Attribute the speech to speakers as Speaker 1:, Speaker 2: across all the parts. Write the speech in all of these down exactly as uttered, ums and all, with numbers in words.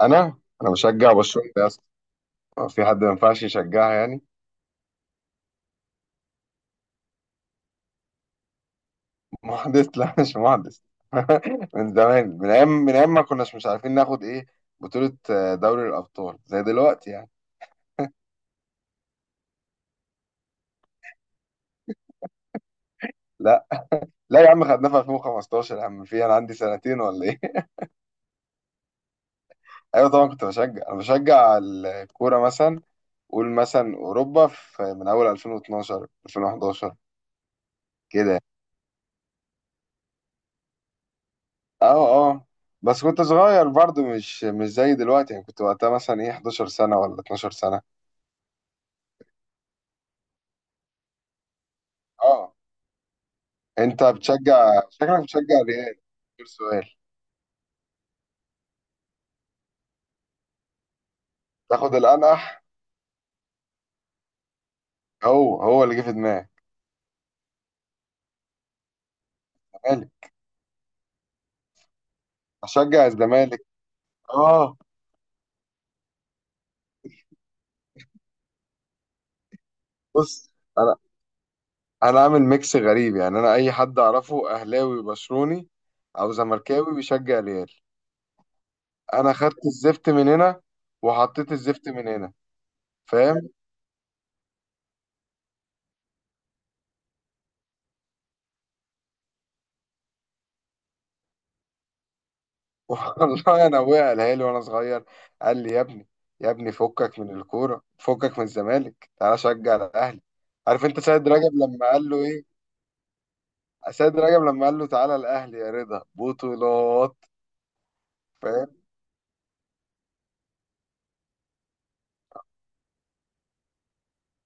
Speaker 1: انا انا بشجع برشلونه يا اسطى. هو في حد ما ينفعش يشجعها يعني؟ محدث، لا مش محدث. من زمان، من ايام، من ايام ما كناش مش عارفين ناخد ايه بطوله. آه، دوري الابطال زي دلوقتي يعني. لا لا يا عم، خدناها في الفين وخمستاشر يا عم. في، انا عندي سنتين ولا ايه؟ ايوه طبعا، كنت بشجع انا بشجع الكوره. مثلا قول مثلا اوروبا في من اول الفين واتناشر، الفين وحداشر كده. اه اه. بس كنت صغير برضه، مش مش زي دلوقتي يعني. كنت وقتها مثلا ايه احد عشر سنه ولا اتناشر سنه. اه، انت بتشجع شكلك بتشجع الريال. غير سؤال. تاخد الانقح. هو هو اللي جه في دماغي. الزمالك. اشجع الزمالك. اه. بص. انا انا عامل ميكس غريب. يعني انا اي حد اعرفه اهلاوي بشروني، او زملكاوي بيشجع الريال. انا خدت الزفت من هنا، وحطيت الزفت من هنا. فاهم. والله انا ابويا قالها لي وانا صغير. قال لي: يا ابني، يا ابني فكك من الكوره، فكك من الزمالك، تعالى شجع الاهلي. عارف انت سيد رجب لما قال له ايه؟ سيد رجب لما قال له تعالى الاهلي يا رضا بطولات. فاهم.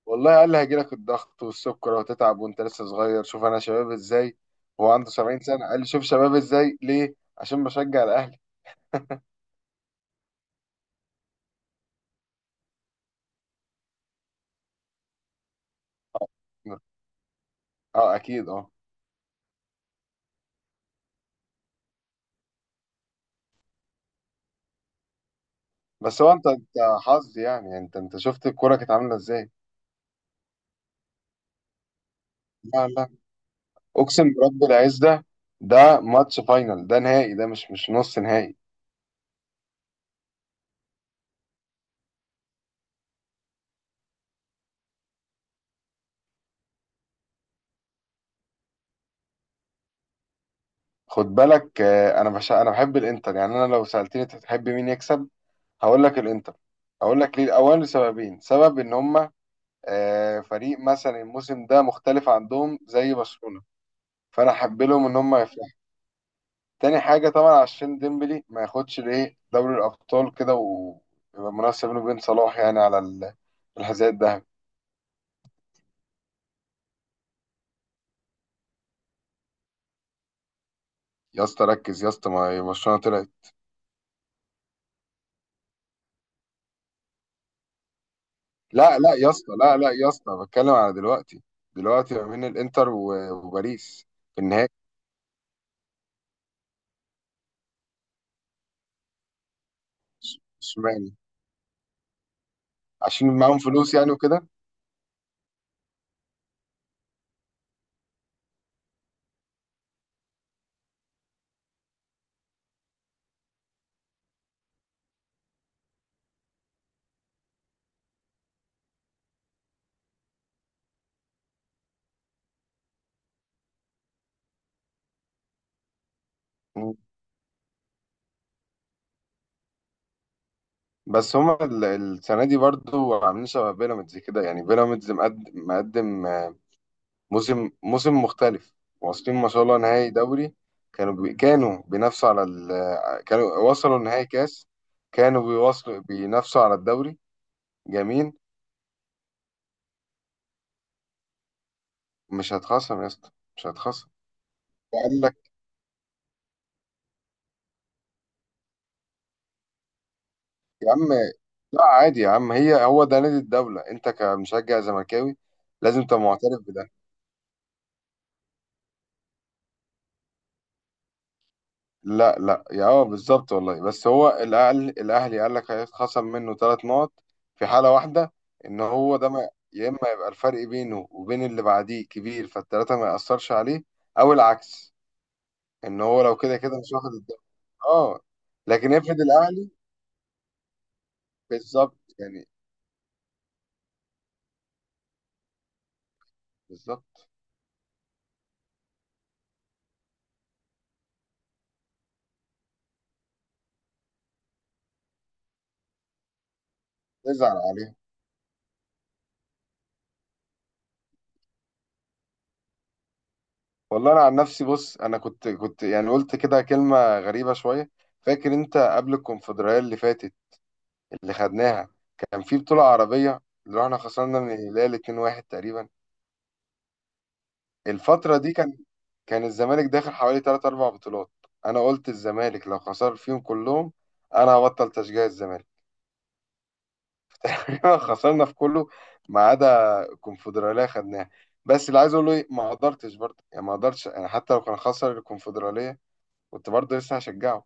Speaker 1: والله قال لي هيجيلك الضغط والسكر وهتتعب وانت لسه صغير، شوف انا شباب ازاي. هو عنده سبعين سنه، قال لي شوف شباب ازاي ليه، عشان بشجع الاهلي. اه اكيد اه. بس هو انت انت حظ يعني، انت انت شفت الكوره كانت عامله ازاي. لا لا. اقسم برب العز ده، ده ماتش فاينل، ده نهائي، ده مش مش نص نهائي. خد بالك. آه، انا بش... انا بحب الانتر يعني. انا لو سالتني انت تحب مين يكسب هقول لك الانتر. هقول لك ليه الاول، لسببين. سبب ان هم آه، فريق مثلا الموسم ده مختلف عندهم زي برشلونه، فانا احب لهم ان هم يفلحوا. تاني حاجه طبعا، عشان ديمبلي ما ياخدش ليه دوري الابطال كده، ويبقى منافسه بينه وبين صلاح يعني على ال- الحذاء الذهبي. يا اسطى ركز يا اسطى، ما هي برشلونه طلعت. لا لا يا اسطى لا لا يا اسطى بتكلم على دلوقتي. دلوقتي ما بين الانتر و- وباريس في النهائي. اشمعنى؟ عشان معاهم فلوس يعني وكده. بس هما ال- السنة دي برضو عاملين شبه بيراميدز كده، يعني بيراميدز مقدم، مقدم. آه، موسم موسم مختلف. واصلين ما شاء الله نهائي دوري. كانوا بي كانوا بينافسوا على ال آه، كانوا وصلوا نهائي كاس. كانوا بيوصلوا بينافسوا على الدوري. جميل. مش هتخصم يا اسطى، مش هتخصم. قال لك. يا عم، لا عادي يا عم، هي هو ده نادي الدولة، انت كمشجع زملكاوي لازم تبقى معترف بده. لا لا يا، اه بالظبط والله. بس هو الاهلي الاهلي قال لك هيتخصم منه ثلاث نقط. في حاله واحده، ان هو ده، ما، يا اما يبقى الفرق بينه وبين اللي بعديه كبير فالثلاثه ما ياثرش عليه، او العكس، ان هو لو كده كده مش واخد الدوري. اه. لكن افرض الاهلي، بالظبط يعني، بالظبط. تزعل عليه. والله انا عن نفسي بص، انا كنت كنت يعني قلت كده كلمه غريبه شويه. فاكر انت قبل الكونفدراليه اللي فاتت، اللي خدناها، كان في بطولة عربية اللي احنا خسرنا من الهلال اتنين واحد تقريبا. الفترة دي كان كان الزمالك داخل حوالي ثلاثة اربعه بطولات. انا قلت الزمالك لو خسر فيهم كلهم انا هبطل تشجيع الزمالك. خسرنا في كله ما عدا الكونفدرالية خدناها. بس اللي عايز اقوله ايه، ما قدرتش برضه يعني ما قدرتش يعني، حتى لو كان خسر الكونفدرالية كنت برضه لسه هشجعه.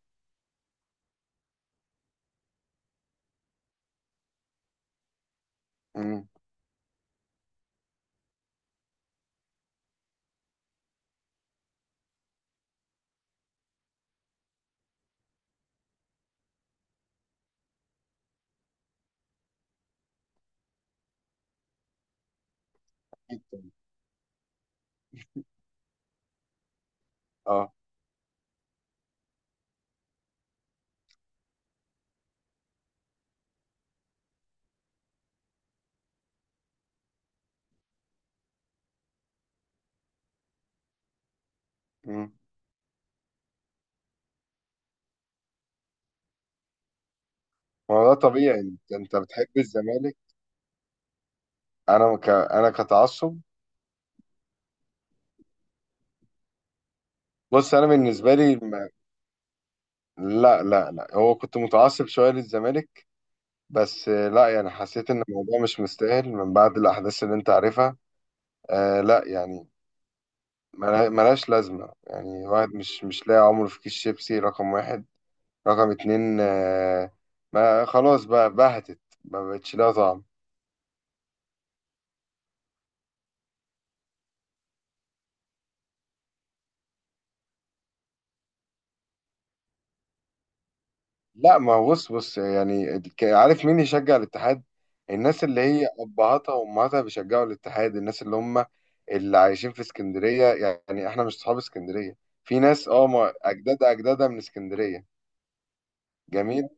Speaker 1: امم. اه. امم. ما هو ده طبيعي يعني، انت أنت بتحب الزمالك. انا ك... انا كتعصب. بص انا بالنسبه لي ما- لا لا لا، هو كنت متعصب شويه للزمالك، بس آه، لا يعني حسيت ان الموضوع مش مستاهل من بعد الاحداث اللي انت عارفها. آه لا يعني ملا- ملهاش لازمه يعني. واحد مش مش لاقي عمره في كيس شيبسي رقم واحد، رقم اتنين آه ما خلاص بقى بهتت، ما بقتش لها طعم. لا ما هو، بص بص يعني، ك- عارف مين يشجع الاتحاد؟ الناس اللي هي ابهاتها وامهاتها بيشجعوا الاتحاد، الناس اللي هم اللي عايشين في اسكندريه. يعني احنا مش اصحاب اسكندريه، في ناس اه ما- اجداد اجدادها من اسكندريه. جميل.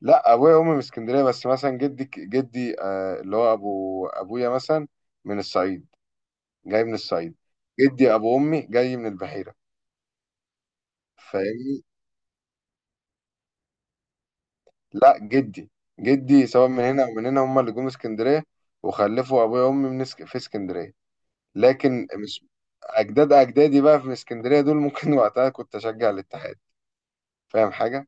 Speaker 1: لا ابويا وامي من اسكندريه، بس مثلا جدي جدي آه اللي هو ابو ابويا مثلا من الصعيد، جاي من الصعيد. جدي ابو امي جاي من البحيره. فاهمني؟ لا جدي، جدي سواء من هنا او من هنا، هم اللي جم اسكندريه، وخلفوا ابويا وامي من اسك... في اسكندريه. لكن مش اجداد اجدادي، بقى في اسكندريه دول ممكن وقتها كنت اشجع الاتحاد. فاهم حاجه.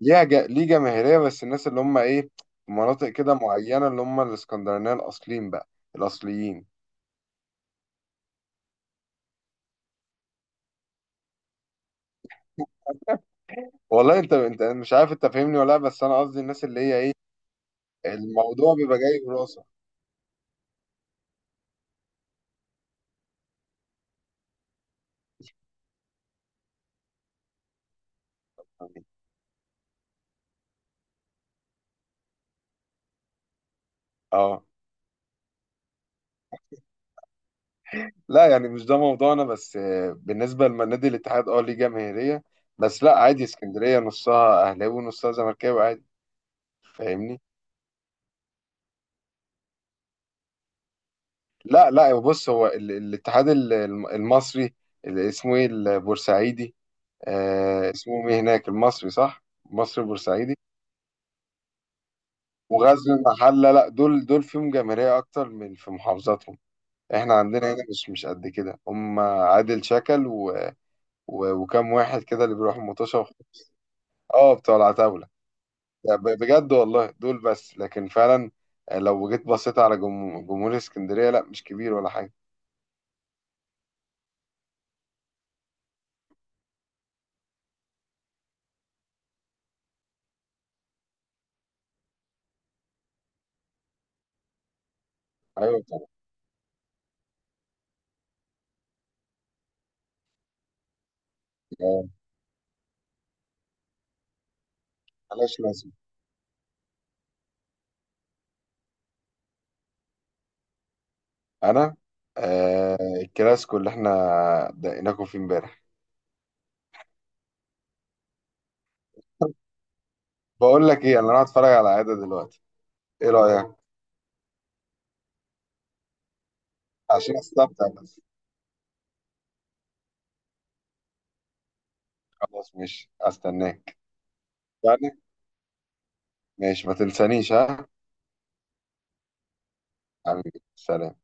Speaker 1: ليها ج... ليه جماهيريه، بس الناس اللي هم ايه، في مناطق كده معينه، اللي هم الاسكندرانيه الاصليين بقى، الاصليين. والله انت انت أنا مش عارف انت فاهمني ولا لا، بس انا قصدي الناس اللي هي ايه، الموضوع بيبقى جاي براسه يعني. اه. لا يعني مش ده موضوعنا، بس آه، بالنسبة لنادي الاتحاد اه ليه جماهيرية. بس لا عادي، اسكندرية نصها أهلاوي ونصها زملكاوي عادي. فاهمني؟ لا لا بص، هو ال- الاتحاد ال- الم- المصري، اللي اسمه ايه، البورسعيدي. آه اسمه ايه هناك، المصري صح؟ مصري بورسعيدي. وغزل المحلة. لا دول دول فيهم جماهيرية أكتر من في محافظاتهم. احنا عندنا هنا مش مش قد كده، هم عادل شكل و... و... وكم واحد كده اللي بيروحوا مطوشة وخ- اه، بتوع العتاولة. لا، ب- بجد والله دول بس، لكن فعلا آه، لو جيت بصيت على جم- جمهور اسكندريه، لا مش كبير ولا حاجه. ايوه طبعا. آه، ملهاش لازمه. انا آه الكلاسيكو اللي احنا دقيناكم فيه امبارح. بقول لك ايه، انا راح اتفرج على عاده دلوقتي. ايه رايك؟ عشان استمتع بس. خلاص ماشي، استناك. يعني، ماشي ما تنسانيش ها. حبيبي سلام.